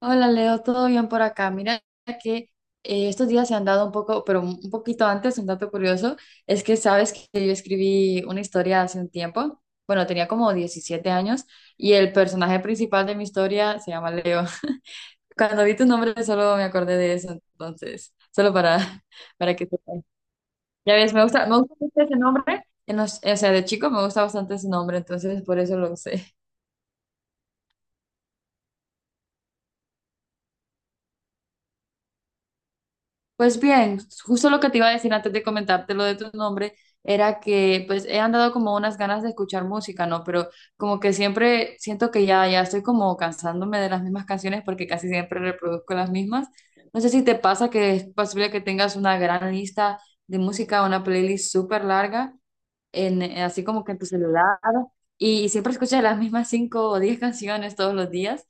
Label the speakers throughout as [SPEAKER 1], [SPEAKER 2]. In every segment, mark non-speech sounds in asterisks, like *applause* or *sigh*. [SPEAKER 1] Hola Leo, ¿todo bien por acá? Mira que estos días se han dado un poco, pero un poquito antes, un dato curioso, es que sabes que yo escribí una historia hace un tiempo, bueno, tenía como 17 años y el personaje principal de mi historia se llama Leo. *laughs* Cuando vi tu nombre solo me acordé de eso, entonces, solo para, *laughs* para que sepas. Ya ves, me gusta mucho ese nombre, o sea, de chico me gusta bastante ese nombre, entonces por eso lo sé. Pues bien, justo lo que te iba a decir antes de comentarte lo de tu nombre era que pues he andado como unas ganas de escuchar música, ¿no? Pero como que siempre siento que ya, ya estoy como cansándome de las mismas canciones porque casi siempre reproduzco las mismas. No sé si te pasa que es posible que tengas una gran lista de música, una playlist súper larga, así como que en tu celular y, siempre escuchas las mismas 5 o 10 canciones todos los días.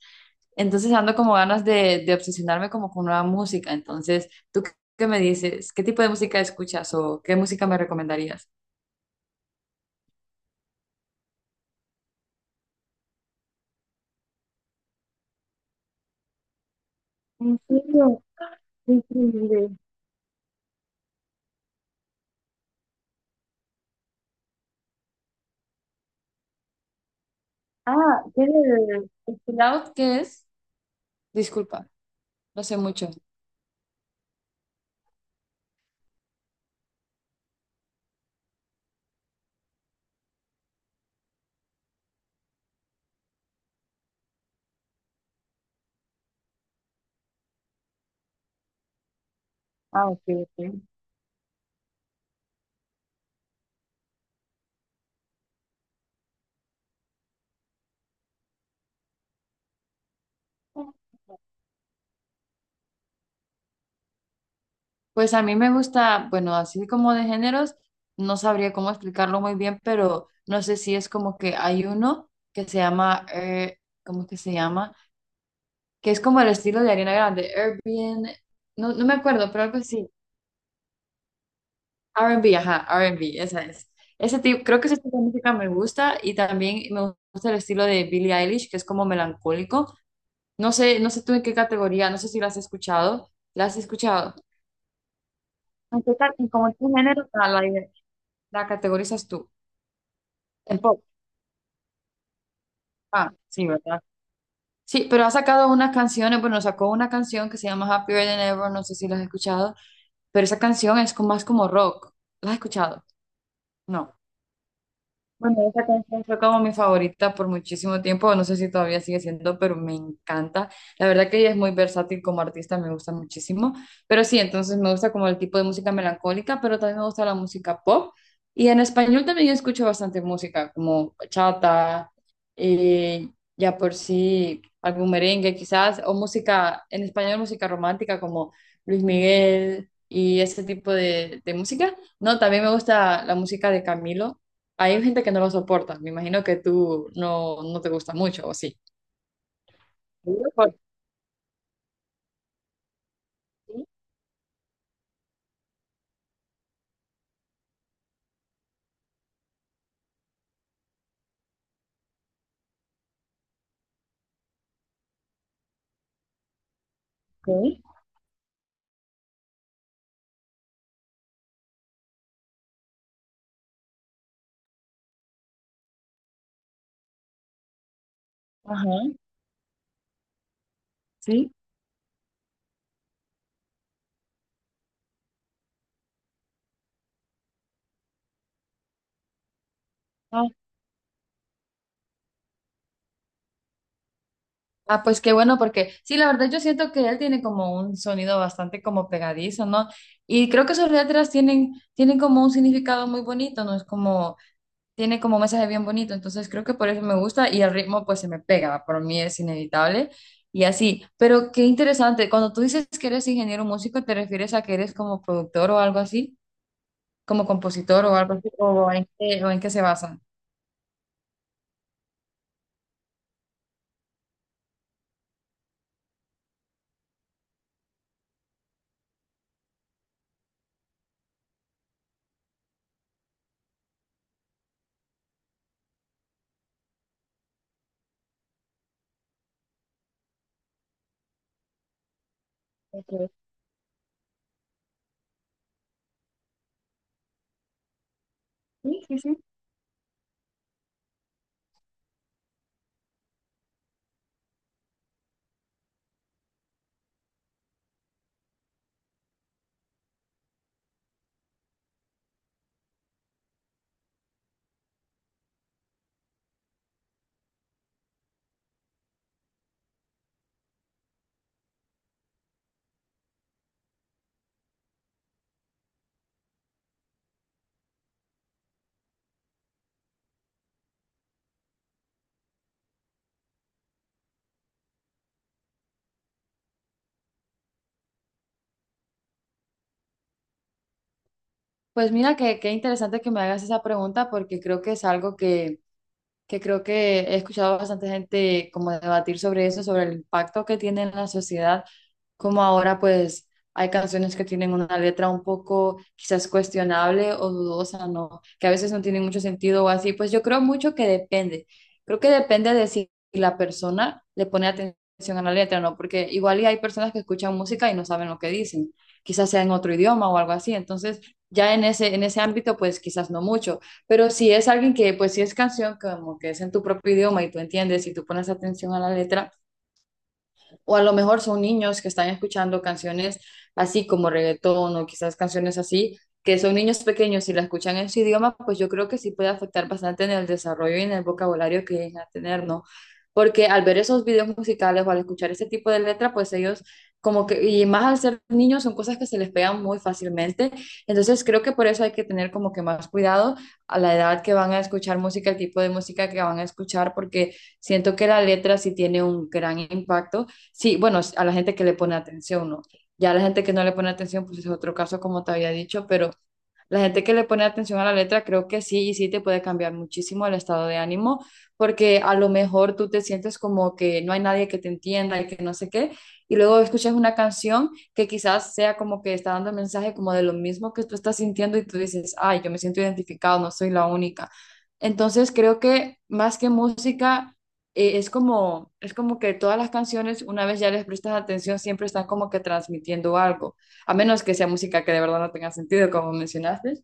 [SPEAKER 1] Entonces ando como ganas de obsesionarme como con nueva música. Entonces, ¿tú qué me dices? ¿Qué tipo de música escuchas o qué música me recomendarías? ¿En serio? Qué increíble. Ah, ¿qué de... ¿El out qué es? Disculpa, no sé mucho. Ah, ok, ok. Pues a mí me gusta, bueno, así como de géneros, no sabría cómo explicarlo muy bien, pero no sé si es como que hay uno que se llama, ¿cómo que se llama? Que es como el estilo de Ariana Grande, Airbnb, no, no me acuerdo, pero algo así, R&B, ajá, R&B, esa es. Ese tipo, creo que ese tipo de música me gusta y también me gusta el estilo de Billie Eilish, que es como melancólico. No sé, no sé tú en qué categoría, no sé si la has escuchado, la has escuchado. En como en qué género la categorizas tú? En pop. Ah, sí, ¿verdad? Sí, pero ha sacado unas canciones, bueno, sacó una canción que se llama Happier Than Ever, no sé si la has escuchado, pero esa canción es como, más como rock. ¿La has escuchado? No. Bueno, esa canción fue como mi favorita por muchísimo tiempo, no sé si todavía sigue siendo, pero me encanta. La verdad que ella es muy versátil como artista, me gusta muchísimo. Pero sí, entonces me gusta como el tipo de música melancólica, pero también me gusta la música pop. Y en español también escucho bastante música, como bachata, eh, ya por sí, algún merengue quizás, o música, en español música romántica como Luis Miguel y ese tipo de música. No, también me gusta la música de Camilo, hay gente que no lo soporta. Me imagino que tú no, no te gusta mucho, ¿o sí? Sí, ¿por qué? Ajá, sí. Ah, ah, pues qué bueno, porque sí, la verdad yo siento que él tiene como un sonido bastante como pegadizo, ¿no? Y creo que sus letras tienen, tienen como un significado muy bonito, ¿no? Es como, tiene como un mensaje bien bonito, entonces creo que por eso me gusta y el ritmo pues se me pega, por mí es inevitable y así. Pero qué interesante, cuando tú dices que eres ingeniero músico, ¿te refieres a que eres como productor o algo así? ¿Como compositor o algo así, o en qué se basan? Pues mira, que qué interesante que me hagas esa pregunta porque creo que es algo que creo que he escuchado bastante gente como debatir sobre eso, sobre el impacto que tiene en la sociedad, como ahora pues hay canciones que tienen una letra un poco quizás cuestionable o dudosa, ¿no? Que a veces no tienen mucho sentido o así, pues yo creo mucho que depende, creo que depende de si la persona le pone atención a la letra, ¿no? Porque igual y hay personas que escuchan música y no saben lo que dicen, quizás sea en otro idioma o algo así, entonces ya en ese ámbito pues quizás no mucho, pero si es alguien que, pues si es canción, como que es en tu propio idioma y tú entiendes y tú pones atención a la letra, o a lo mejor son niños que están escuchando canciones así como reggaetón o quizás canciones así, que son niños pequeños y la escuchan en su idioma, pues yo creo que sí puede afectar bastante en el desarrollo y en el vocabulario que llegan a tener, ¿no? Porque al ver esos videos musicales o al escuchar ese tipo de letra, pues ellos como que, y más al ser niños, son cosas que se les pegan muy fácilmente. Entonces creo que por eso hay que tener como que más cuidado a la edad que van a escuchar música, el tipo de música que van a escuchar, porque siento que la letra sí tiene un gran impacto. Sí, bueno, a la gente que le pone atención, ¿no? Ya la gente que no le pone atención, pues es otro caso, como te había dicho, pero la gente que le pone atención a la letra, creo que sí, y sí te puede cambiar muchísimo el estado de ánimo, porque a lo mejor tú te sientes como que no hay nadie que te entienda y que no sé qué, y luego escuchas una canción que quizás sea como que está dando mensaje como de lo mismo que tú estás sintiendo y tú dices, ay, yo me siento identificado, no soy la única. Entonces creo que más que música, es como que todas las canciones, una vez ya les prestas atención, siempre están como que transmitiendo algo, a menos que sea música que de verdad no tenga sentido, como mencionaste,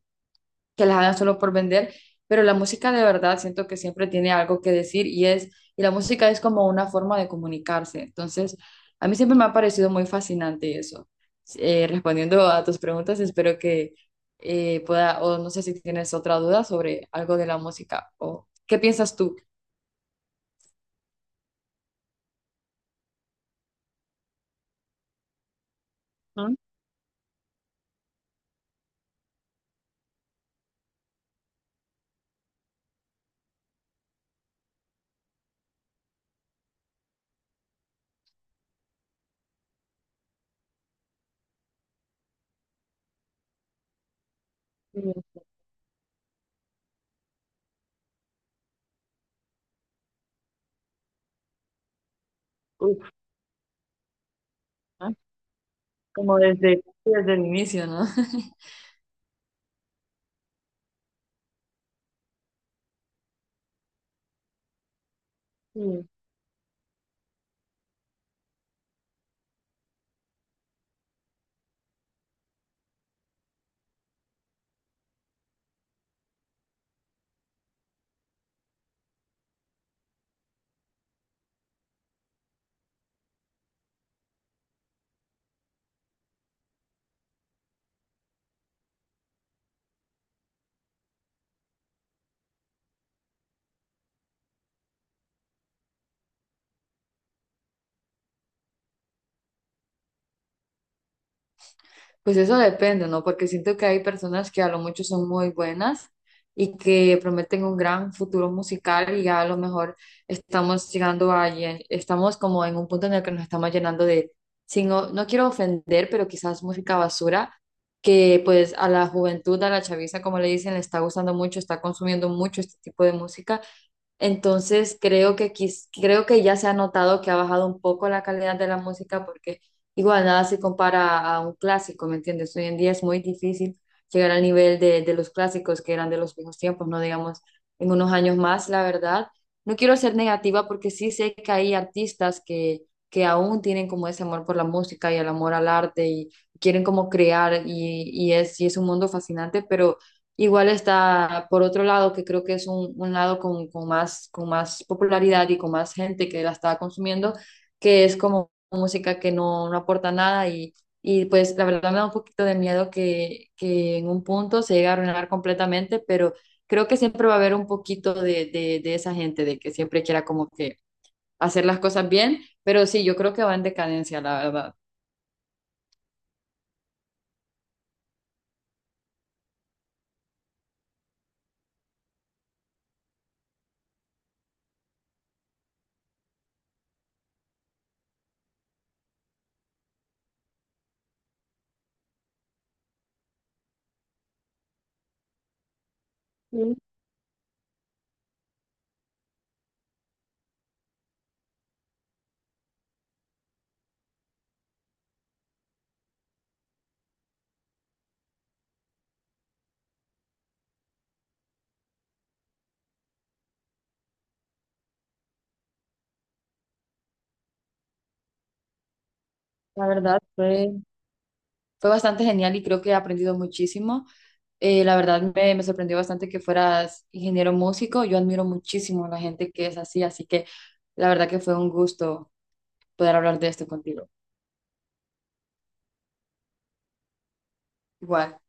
[SPEAKER 1] que las hagan solo por vender, pero la música de verdad siento que siempre tiene algo que decir y es, y la música es como una forma de comunicarse. Entonces, a mí siempre me ha parecido muy fascinante eso. Respondiendo a tus preguntas, espero que pueda, o no sé si tienes otra duda sobre algo de la música, o qué piensas tú. ¿No? Uf, ¿eh? Como desde, desde el inicio, ¿no? *laughs* Sí. Pues eso depende, ¿no? Porque siento que hay personas que a lo mucho son muy buenas y que prometen un gran futuro musical y ya a lo mejor estamos llegando a, estamos como en un punto en el que nos estamos llenando de, sin, o- no quiero ofender, pero quizás música basura, que pues a la juventud, a la chaviza, como le dicen, le está gustando mucho, está consumiendo mucho este tipo de música, entonces creo que creo que ya se ha notado que ha bajado un poco la calidad de la música porque igual nada se compara a un clásico, ¿me entiendes? Hoy en día es muy difícil llegar al nivel de los clásicos que eran de los viejos tiempos, no digamos en unos años más, la verdad. No quiero ser negativa porque sí sé que hay artistas que aún tienen como ese amor por la música y el amor al arte y quieren como crear y es un mundo fascinante, pero igual está, por otro lado, que creo que es un lado con más popularidad y con más gente que la está consumiendo, que es como música que no, no aporta nada y, y pues la verdad me da un poquito de miedo que en un punto se llegue a arruinar completamente, pero creo que siempre va a haber un poquito de esa gente, de que siempre quiera como que hacer las cosas bien, pero sí, yo creo que va en decadencia, la verdad. La verdad fue, fue bastante genial y creo que he aprendido muchísimo. La verdad me, me sorprendió bastante que fueras ingeniero músico. Yo admiro muchísimo a la gente que es así, así que la verdad que fue un gusto poder hablar de esto contigo. Igual.